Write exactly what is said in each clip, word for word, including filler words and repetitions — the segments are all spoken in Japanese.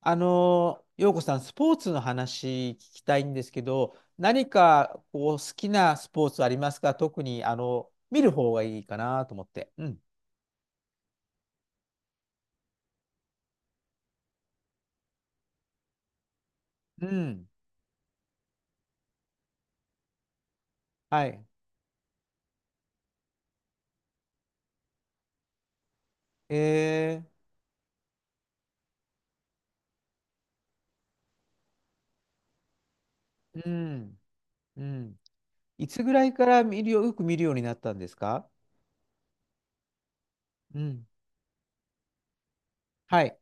あの、陽子さん、スポーツの話聞きたいんですけど、何かこう好きなスポーツありますか？特にあの見る方がいいかなと思って。うん。うん。はい。えー、うん。うん。いつぐらいから見るよ、よく見るようになったんですか？うん。はい。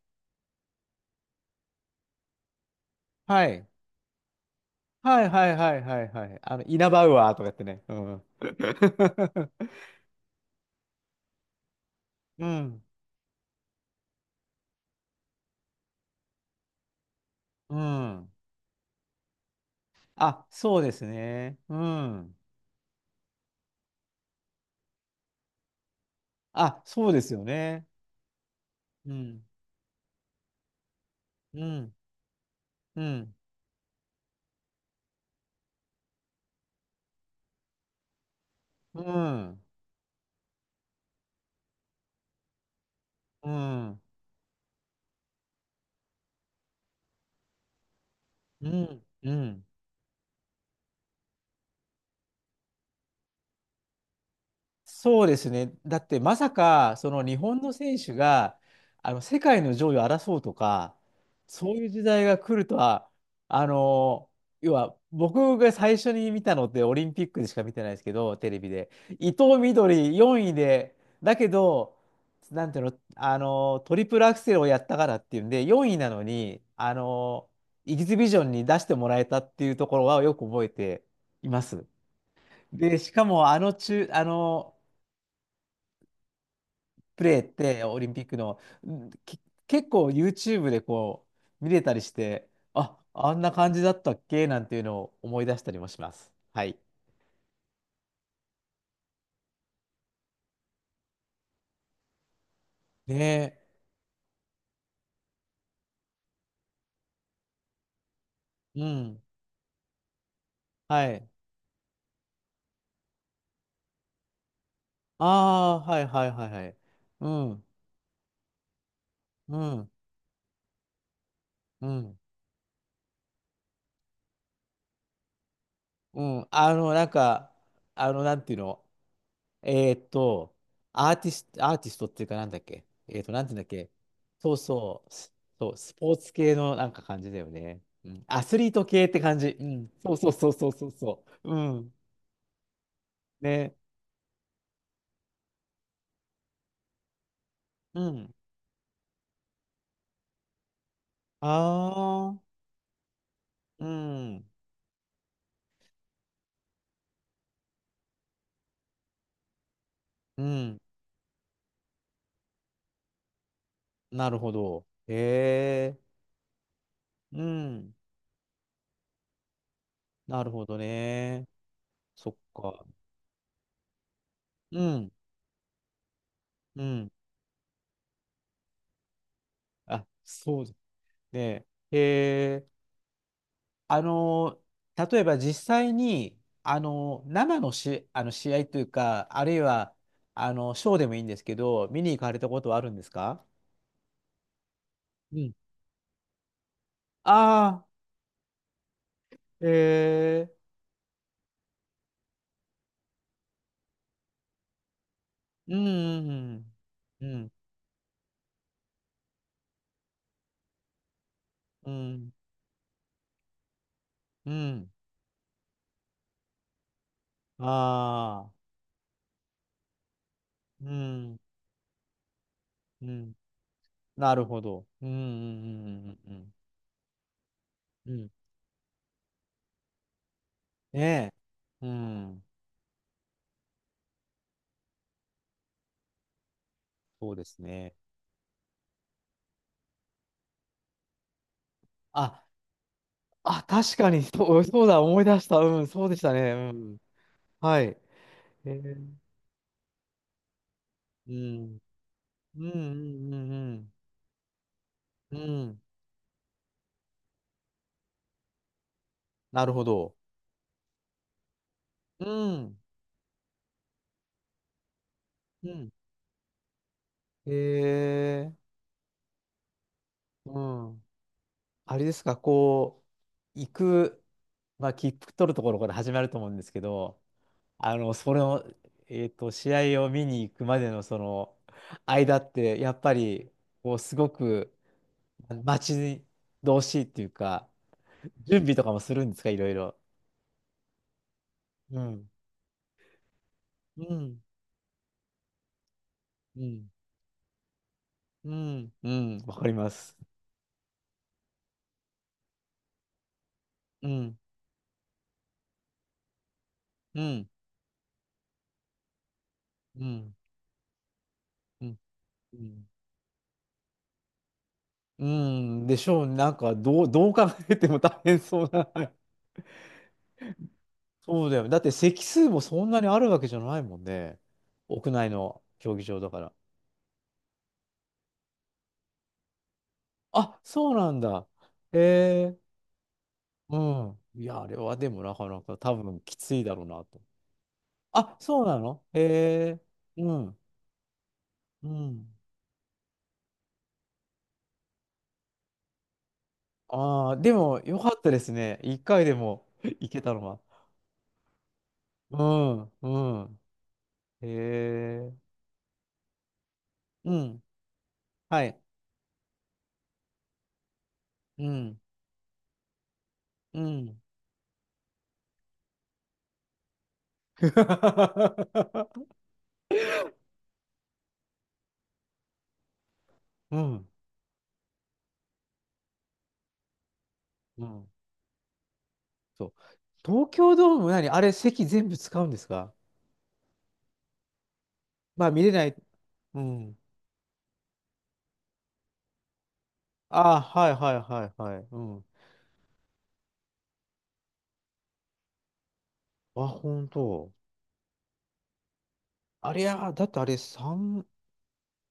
はい。はい。はいはいはいはい。あの、イナバウアーとかやってね。うん。うん。うん。あ、そうですね。うん。あ、そうですよね。うん。うん、うん、うん、うん、うん、うん。そうですね。だってまさか、その日本の選手が、あの、世界の上位を争うとか、そういう時代が来るとは、あの、要は、僕が最初に見たのってオリンピックでしか見てないですけど、テレビで。伊藤みどりよんいで、だけど、なんていうの、あの、トリプルアクセルをやったからっていうんで、よんいなのに、あの、エキシビジョンに出してもらえたっていうところはよく覚えています。で、しかもあの中、あの、プレーってオリンピックの、うんき結構 ユーチューブ でこう見れたりして、あ、あんな感じだったっけなんていうのを思い出したりもします。はい。ねえ。うん。はい。ああ、はいはいはいはい。うん。うん。うん。うん。あの、なんか、あの、なんていうの？えーっと、アーティスト、アーティストっていうかなんだっけ？えーっと、なんていうんだっけ？そうそう、スそう、スポーツ系のなんか感じだよね。うん。アスリート系って感じ。うん。そうそうそうそうそうそう。うん。ね。うん。ああ、うん。うん。なるほど。へえ。うん。なるほどね。そっか。うん。うん。あ、そうね。へえ。あのー、例えば実際に、あのー、生のし、あの試合というか、あるいは、あの、ショーでもいいんですけど、見に行かれたことはあるんですか？うん。ああ、えー、うん、うん、うん、うん、うん。ああ、うん、うん、なるほど。うん、うん、うん、うん、うん。うん。ねえ、うん、そうですね。あ、あ、確かに、そう、そうだ、思い出した。うん、そうでしたね。うん。はい。えーうん。うんうんうんうん。うん。なるほど。うん。うん。へえ。うん。あれですか、こう、行く、まあ、切符取るところから始まると思うんですけど、あの、それを、えっと、試合を見に行くまでのその間って、やっぱり、こう、すごく、待ち遠しいっていうか、準備とかもするんですか、いろいろ。うん。うん。うん。うん。うん。わかります。うん。うん、うん、うん、うん、うんでしょう。なんか、どう、どう考えても大変そうな。そうだよ。だって席数もそんなにあるわけじゃないもんね。屋内の競技場だから。あ、そうなんだ。へえ、うん。いや、あれはでもなかなか多分きついだろうなと。あ、そうなの。へえ、うん、うん。ああ、でもよかったですね。一回でも 行けたのは。うん、うん。へえ、うん。はい。うん、うん、うん、うん。そう。東京ドーム何あれ、席全部使うんですか？まあ、見れない。うん。ああ、はいはいはいはい。うん。あ、本当。あれや、だってあれさん、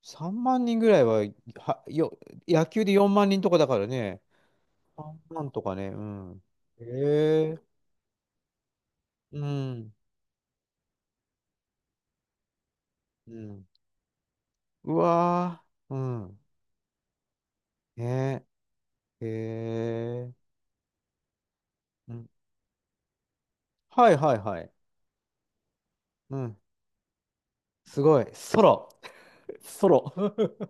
さんまん人ぐらいは、は、よ、野球でよんまん人とかだからね。さんまんとかね。うん。へえうん。うん。うわー。うん。ねえ。へえ。うん。はいはいはい。うん。すごい。ソロ。ソロ。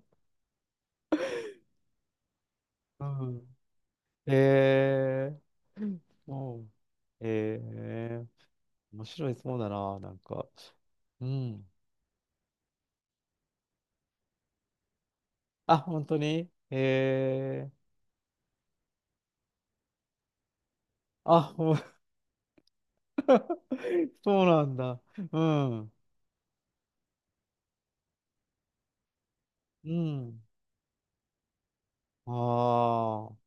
うん。えー。うん。えー。面白いそうだな、なんか。うん。あ、本当にえー。あ、ほん そうなんだ。うん。うん。ああ。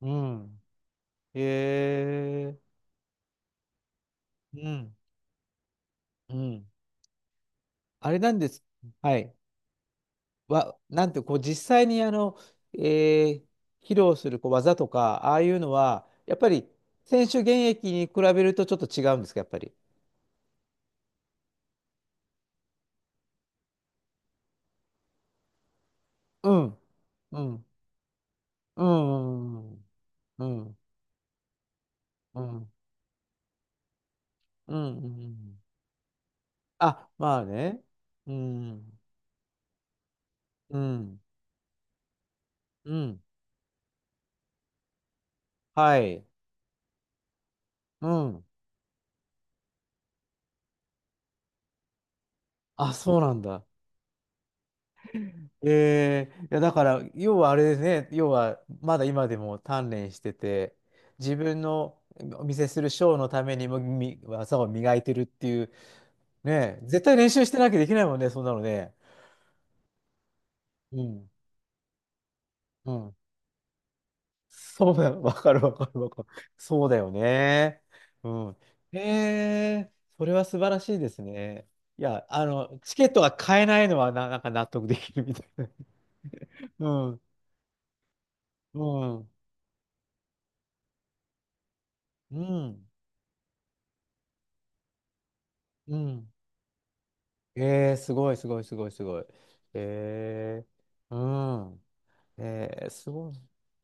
うん。えー。うん。うん。あれなんです。はい。わ、なんて、こう、実際に、あの、えー披露するこう技とか、ああいうのは、やっぱり、選手現役に比べるとちょっと違うんですか、やっぱり。うん、うん、うん、うん、うん、うん、うん。うん。あ、まあね。うん、うん、うん。はい。うん。あ、そうなんだ。えー、いやだから、要はあれですね、要はまだ今でも鍛錬してて、自分のお見せするショーのためにもみ技を磨いてるっていう、ね、絶対練習してなきゃできないもんね、そんなのね。うん、うん。そうだよ、わかるわかるわかる。そうだよね。うん。えー、それは素晴らしいですね。いや、あの、チケットが買えないのはな、なんか納得できるみたいな。うん、うん、うん、うん。えー、すごい、すごい、すごい、すごい。えー、うん。えー、すごい。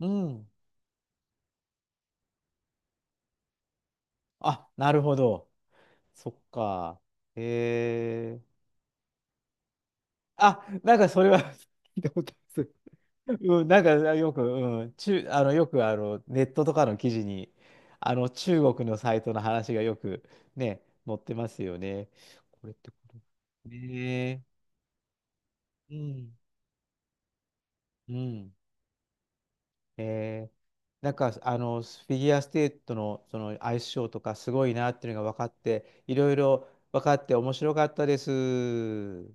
うん。あ、なるほど。そっか。えー、あ、なんかそれは 聞いたことある。うん、なんかよく、うん、中、あの、よくあの、ネットとかの記事に、あの、中国のサイトの話がよくね、載ってますよね。これってこと。ねえ。うん。うん。えーなんかあのフィギュアスケートの、そのアイスショーとかすごいなっていうのが分かっていろいろ分かって面白かったです。